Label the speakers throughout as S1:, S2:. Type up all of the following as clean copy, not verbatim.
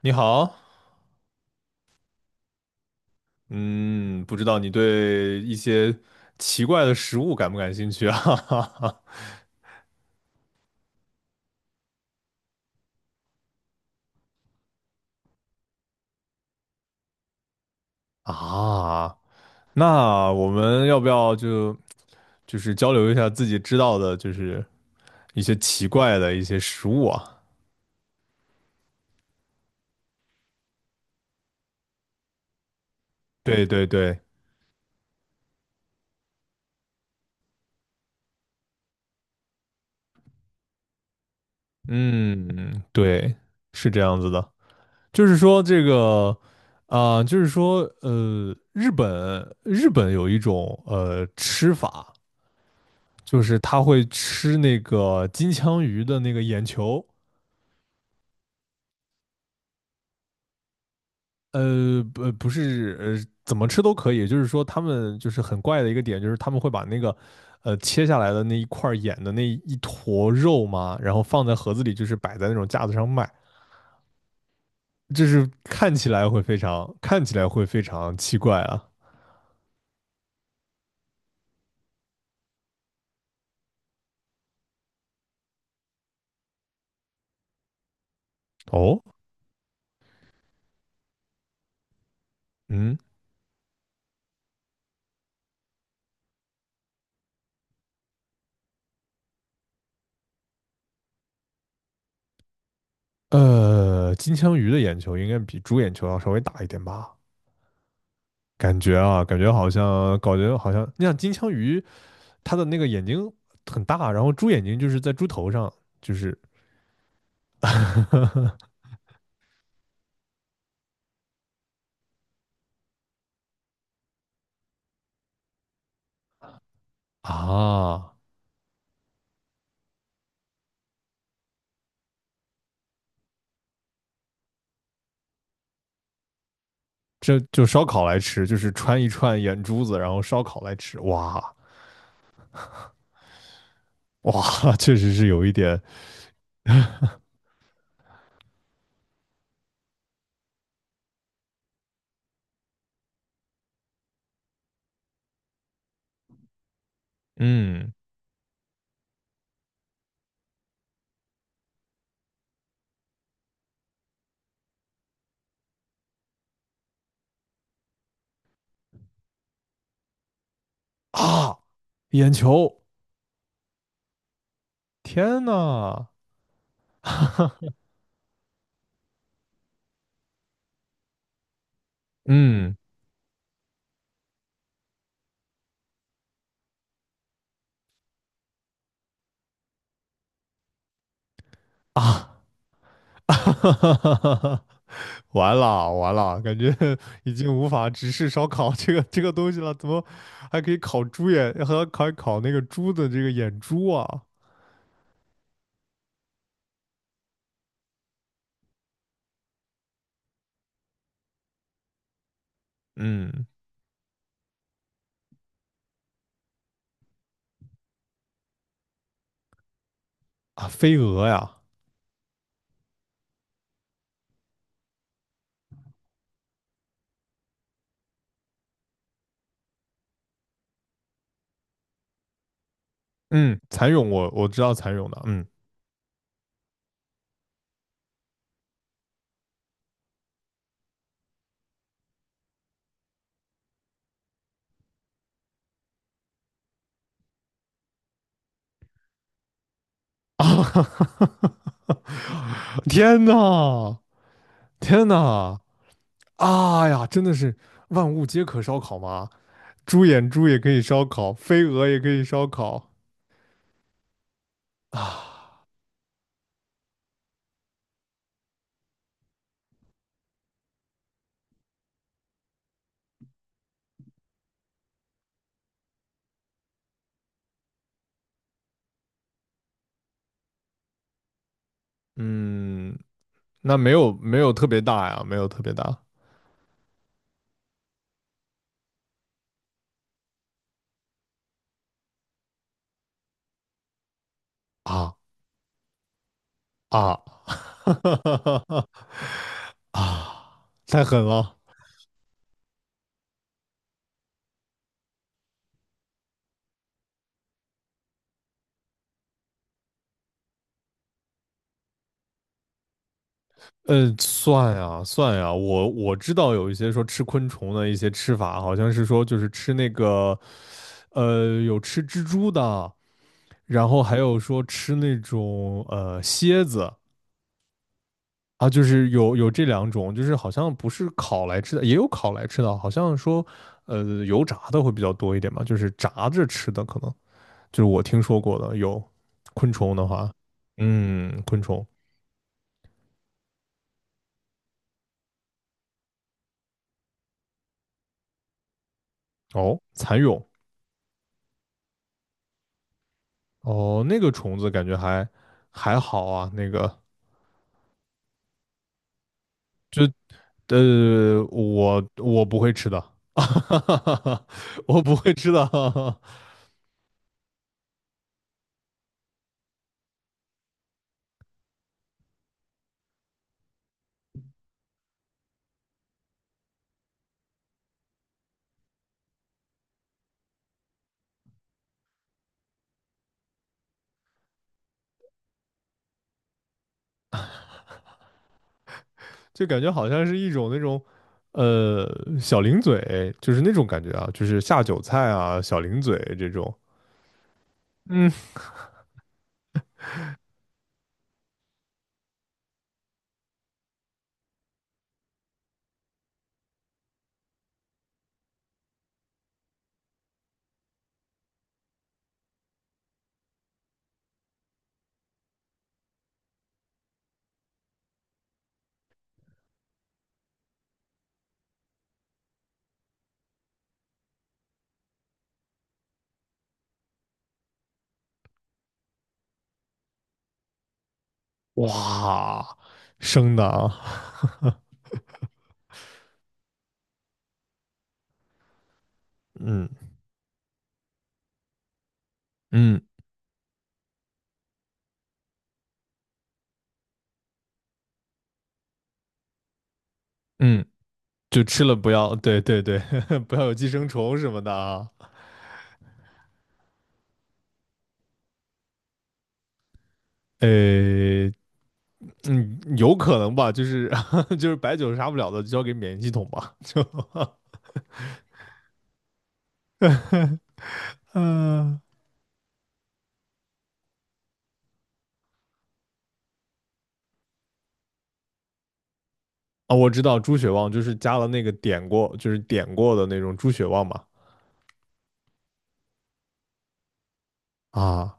S1: 你好，嗯，不知道你对一些奇怪的食物感不感兴趣啊？啊，那我们要不要就是交流一下自己知道的，就是一些奇怪的一些食物啊？对对对，嗯，对，是这样子的，就是说这个啊、就是说日本有一种吃法，就是他会吃那个金枪鱼的那个眼球。不，不是，怎么吃都可以。就是说，他们就是很怪的一个点，就是他们会把那个，切下来的那一块眼的那一坨肉嘛，然后放在盒子里，就是摆在那种架子上卖，就是看起来会非常奇怪啊。哦，嗯，金枪鱼的眼球应该比猪眼球要稍微大一点吧？感觉啊，感觉好像，你想金枪鱼，它的那个眼睛很大，然后猪眼睛就是在猪头上，就是啊，这就烧烤来吃，就是穿一串眼珠子，然后烧烤来吃，哇哇，确实是有一点，嗯啊，眼球，天呐，嗯啊，完了完了，感觉已经无法直视烧烤这个东西了，怎么还可以烤猪眼，还烤那个猪的这个眼珠啊？嗯啊，飞蛾呀，嗯，蚕蛹我知道蚕蛹的，嗯啊。天呐，天呐，啊呀，真的是万物皆可烧烤吗？猪眼猪也可以烧烤，飞蛾也可以烧烤啊。嗯，那没有特别大呀，没有特别大啊啊，啊，太狠了。嗯，算呀算呀，我知道有一些说吃昆虫的一些吃法，好像是说就是吃那个，有吃蜘蛛的。然后还有说吃那种蝎子啊，就是有这两种，就是好像不是烤来吃的，也有烤来吃的，好像说油炸的会比较多一点吧，就是炸着吃的可能就是我听说过的有昆虫的话，嗯，昆虫哦，蚕蛹哦，那个虫子感觉还好啊，那个我不会吃的，我不会吃的。就感觉好像是一种那种，呃，小零嘴，就是那种感觉啊，就是下酒菜啊，小零嘴这种。嗯，哇，生的啊，嗯嗯嗯，就吃了不要，对对对，不要有寄生虫什么的啊。呃，嗯，有可能吧，就是 就是白酒杀不了的，就交给免疫系统吧，就 嗯。啊，我知道猪血旺就是加了那个点过，就是点过的那种猪血旺嘛。啊，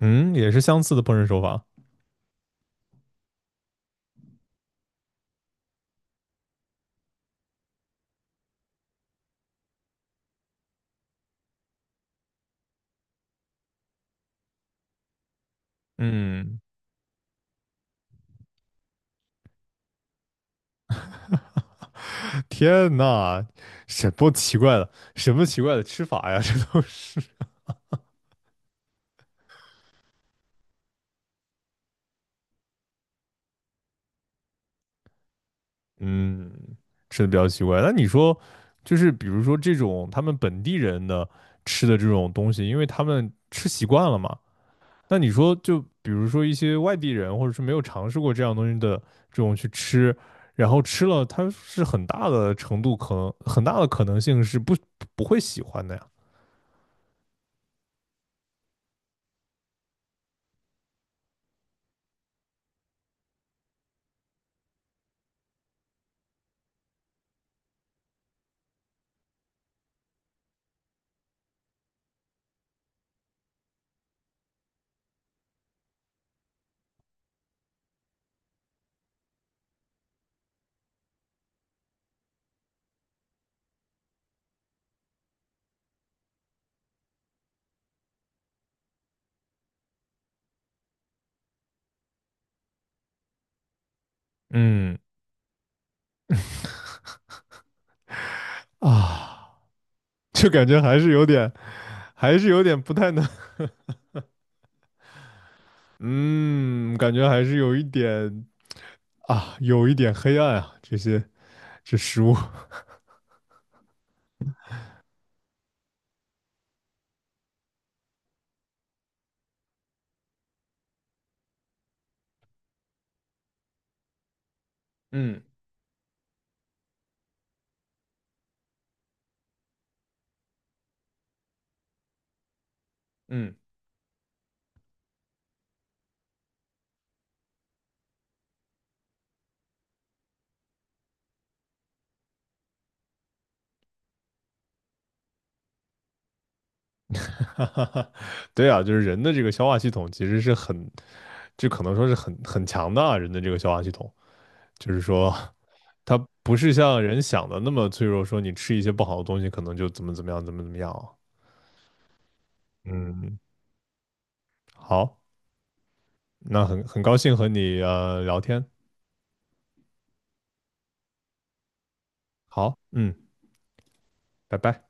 S1: 嗯，也是相似的烹饪手法。嗯，天呐，什么奇怪的，什么奇怪的吃法呀？这都是，嗯，吃的比较奇怪。那你说，就是比如说这种他们本地人的吃的这种东西，因为他们吃习惯了嘛。那你说，就比如说一些外地人，或者是没有尝试过这样东西的这种去吃，然后吃了，它是很大的程度可能，很大的可能性是不会喜欢的呀。嗯啊。就感觉还是有点，还是有点不太能，嗯，感觉还是有一点啊，有一点黑暗啊，这些这食物，嗯嗯，哈哈哈，对啊，就是人的这个消化系统其实是很，就可能说是很强的啊，人的这个消化系统，就是说它不是像人想的那么脆弱，说你吃一些不好的东西可能就怎么怎么样，怎么怎么样啊，嗯，好，那很高兴和你聊天，好，嗯，拜拜。